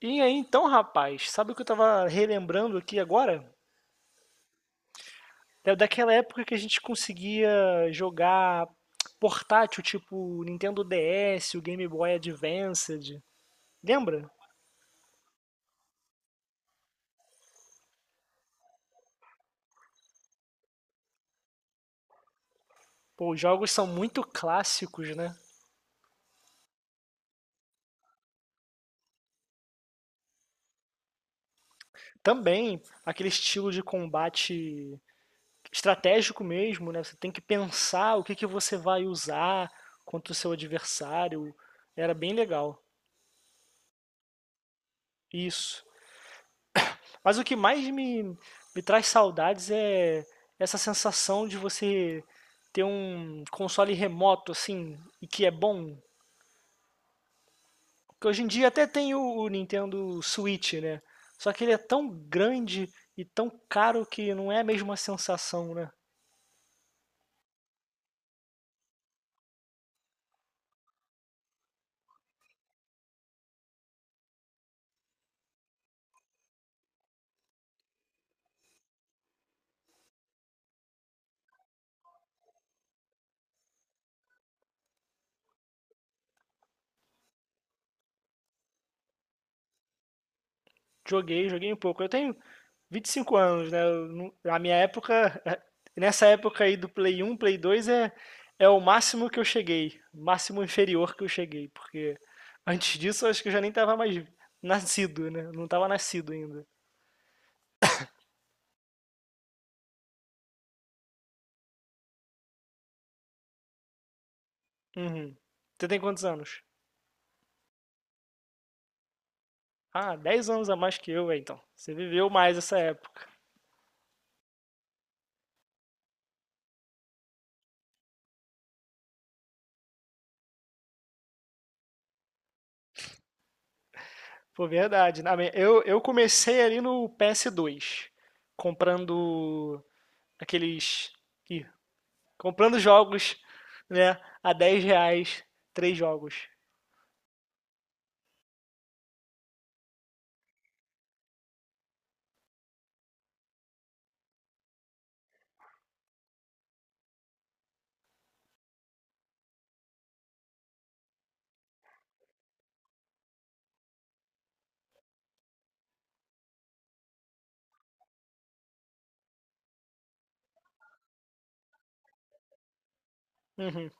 E aí, então, rapaz, sabe o que eu tava relembrando aqui agora? É daquela época que a gente conseguia jogar portátil, tipo Nintendo DS, o Game Boy Advanced. Lembra? Pô, os jogos são muito clássicos, né? Também aquele estilo de combate estratégico mesmo, né? Você tem que pensar o que que você vai usar contra o seu adversário. Era bem legal. Isso. Mas o que mais me traz saudades é essa sensação de você ter um console remoto, assim, e que é bom. Porque hoje em dia até tem o Nintendo Switch, né? Só que ele é tão grande e tão caro que não é a mesma sensação, né? Joguei, joguei um pouco. Eu tenho 25 anos, né? Eu não- A minha época, eh, nessa época aí do Play 1, Play 2 é o máximo que eu cheguei, máximo inferior que eu cheguei, porque antes disso eu acho que eu já nem tava mais nascido, né? Eu não tava nascido ainda. Uhum. Você tem quantos anos? Ah, 10 anos a mais que eu, é, então. Você viveu mais essa época. Pô, verdade. Eu comecei ali no PS2, comprando aqueles. Ih, comprando jogos, né? A 10 reais, três jogos. Uhum.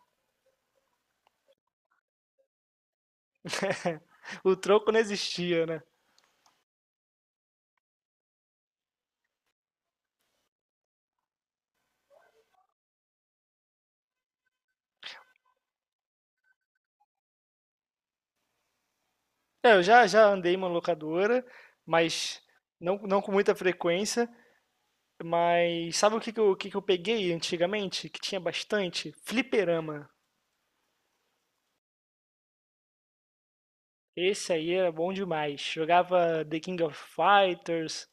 O troco não existia, né? É, eu já andei em uma locadora, mas não com muita frequência. Mas sabe o que que eu peguei antigamente? Que tinha bastante? Fliperama. Esse aí era bom demais. Jogava The King of Fighters,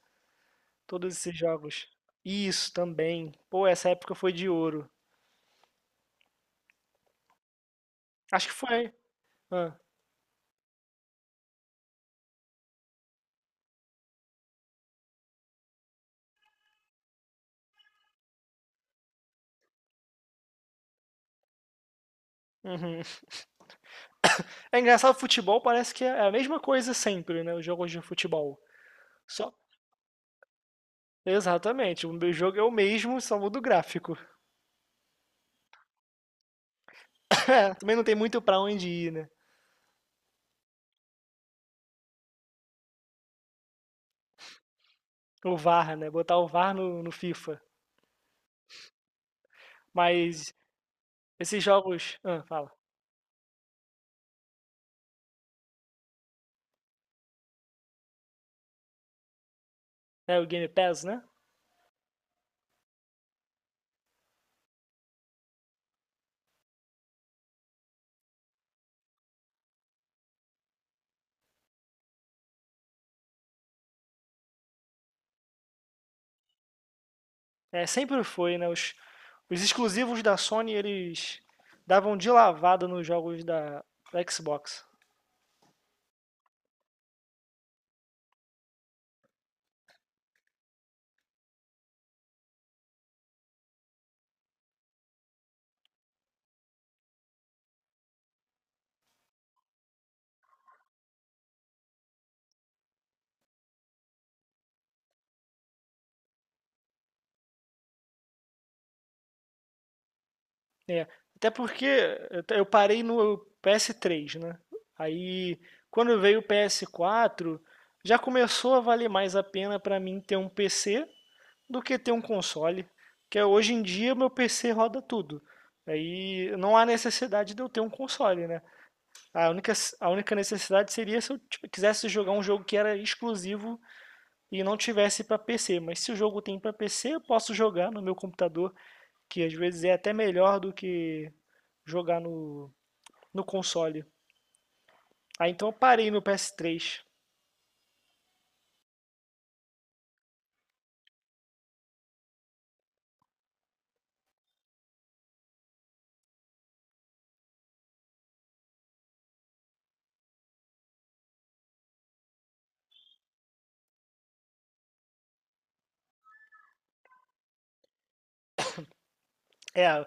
todos esses jogos. Isso também. Pô, essa época foi de ouro. Acho que foi. Ah, uhum. É engraçado, futebol parece que é a mesma coisa sempre, né? Os jogos de futebol. Só. Exatamente. O meu jogo é o mesmo, só muda o gráfico. É, também não tem muito pra onde ir, né? O VAR, né? Botar o VAR no FIFA. Mas esses jogos. Ah, fala. É o Game Pass, né? É, sempre foi, né? Os exclusivos da Sony, eles davam de lavada nos jogos da Xbox. É, até porque eu parei no PS3, né? Aí, quando veio o PS4, já começou a valer mais a pena para mim ter um PC do que ter um console, porque hoje em dia meu PC roda tudo. Aí não há necessidade de eu ter um console, né? A única, a única necessidade seria se eu tipo, quisesse jogar um jogo que era exclusivo e não tivesse pra PC. Mas se o jogo tem pra PC, eu posso jogar no meu computador, que às vezes é até melhor do que jogar no console. Aí então eu parei no PS3. É,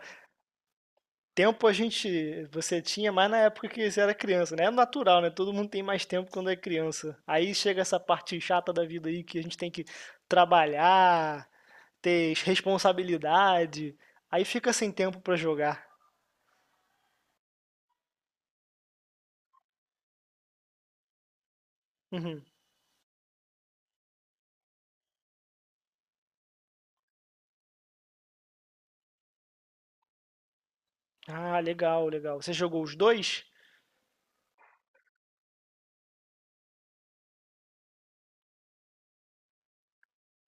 tempo a gente, você tinha mais na época que você era criança, né? É natural, né? Todo mundo tem mais tempo quando é criança. Aí chega essa parte chata da vida aí que a gente tem que trabalhar, ter responsabilidade. Aí fica sem tempo pra jogar. Uhum. Ah, legal, legal. Você jogou os dois?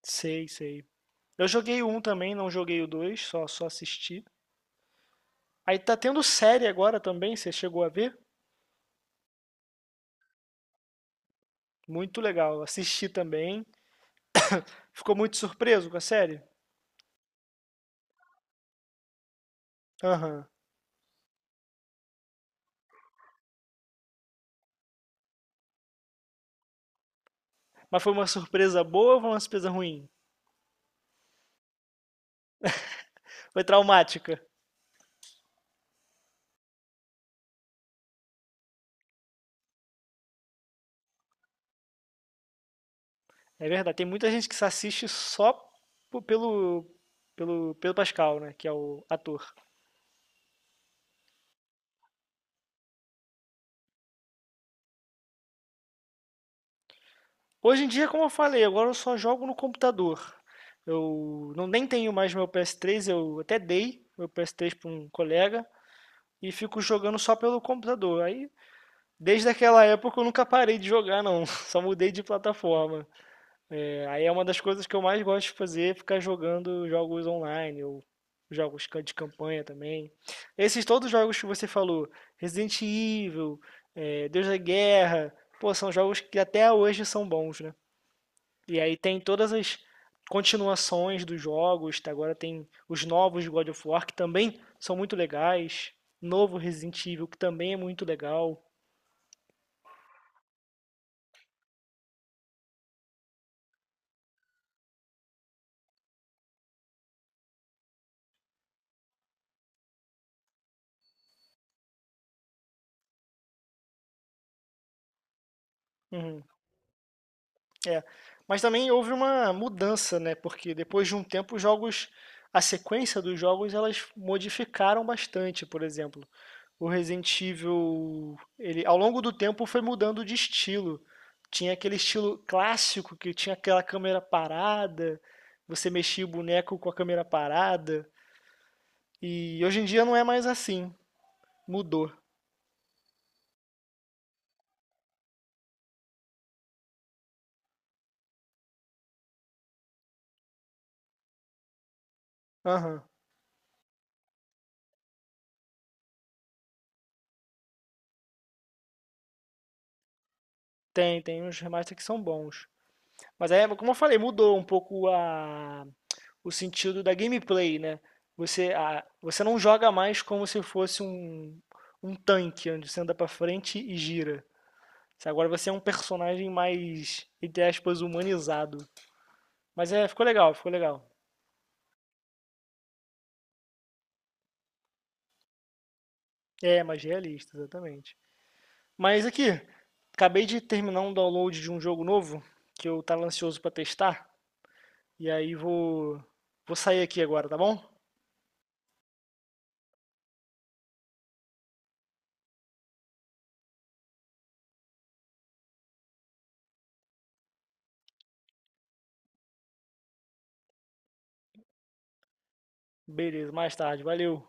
Sei, sei. Eu joguei o um também, não joguei o dois, só assisti. Aí tá tendo série agora também, você chegou a ver? Muito legal. Assisti também. Ficou muito surpreso com a série? Aham. Mas foi uma surpresa boa ou foi uma surpresa ruim? Foi traumática. É verdade. Tem muita gente que se assiste só po- pelo, pelo Pedro Pascal, né? Que é o ator. Hoje em dia, como eu falei, agora eu só jogo no computador. Eu não nem tenho mais meu PS3, eu até dei meu PS3 para um colega e fico jogando só pelo computador. Aí, desde aquela época eu nunca parei de jogar, não. Só mudei de plataforma. Aí é uma das coisas que eu mais gosto de fazer, ficar jogando jogos online ou jogos de campanha também. Esses todos os jogos que você falou, Resident Evil, Deus da Guerra, pô, são jogos que até hoje são bons, né? E aí tem todas as continuações dos jogos, tá? Agora tem os novos de God of War que também são muito legais, novo Resident Evil que também é muito legal. Uhum. É, mas também houve uma mudança, né? Porque depois de um tempo os jogos, a sequência dos jogos, elas modificaram bastante, por exemplo. O Resident Evil, ele ao longo do tempo foi mudando de estilo. Tinha aquele estilo clássico que tinha aquela câmera parada, você mexia o boneco com a câmera parada, e hoje em dia não é mais assim. Mudou. Aham. Tem uns remasters que são bons. Mas aí, como eu falei, mudou um pouco a o sentido da gameplay, né? Você não joga mais como se fosse um tanque, onde você anda pra frente e gira. Sabe? Agora você é um personagem mais, entre aspas, humanizado. Mas é, ficou legal, ficou legal. É, mais realista, exatamente. Mas aqui, acabei de terminar um download de um jogo novo, que eu tava ansioso pra testar. E aí vou sair aqui agora, tá bom? Beleza, mais tarde, valeu.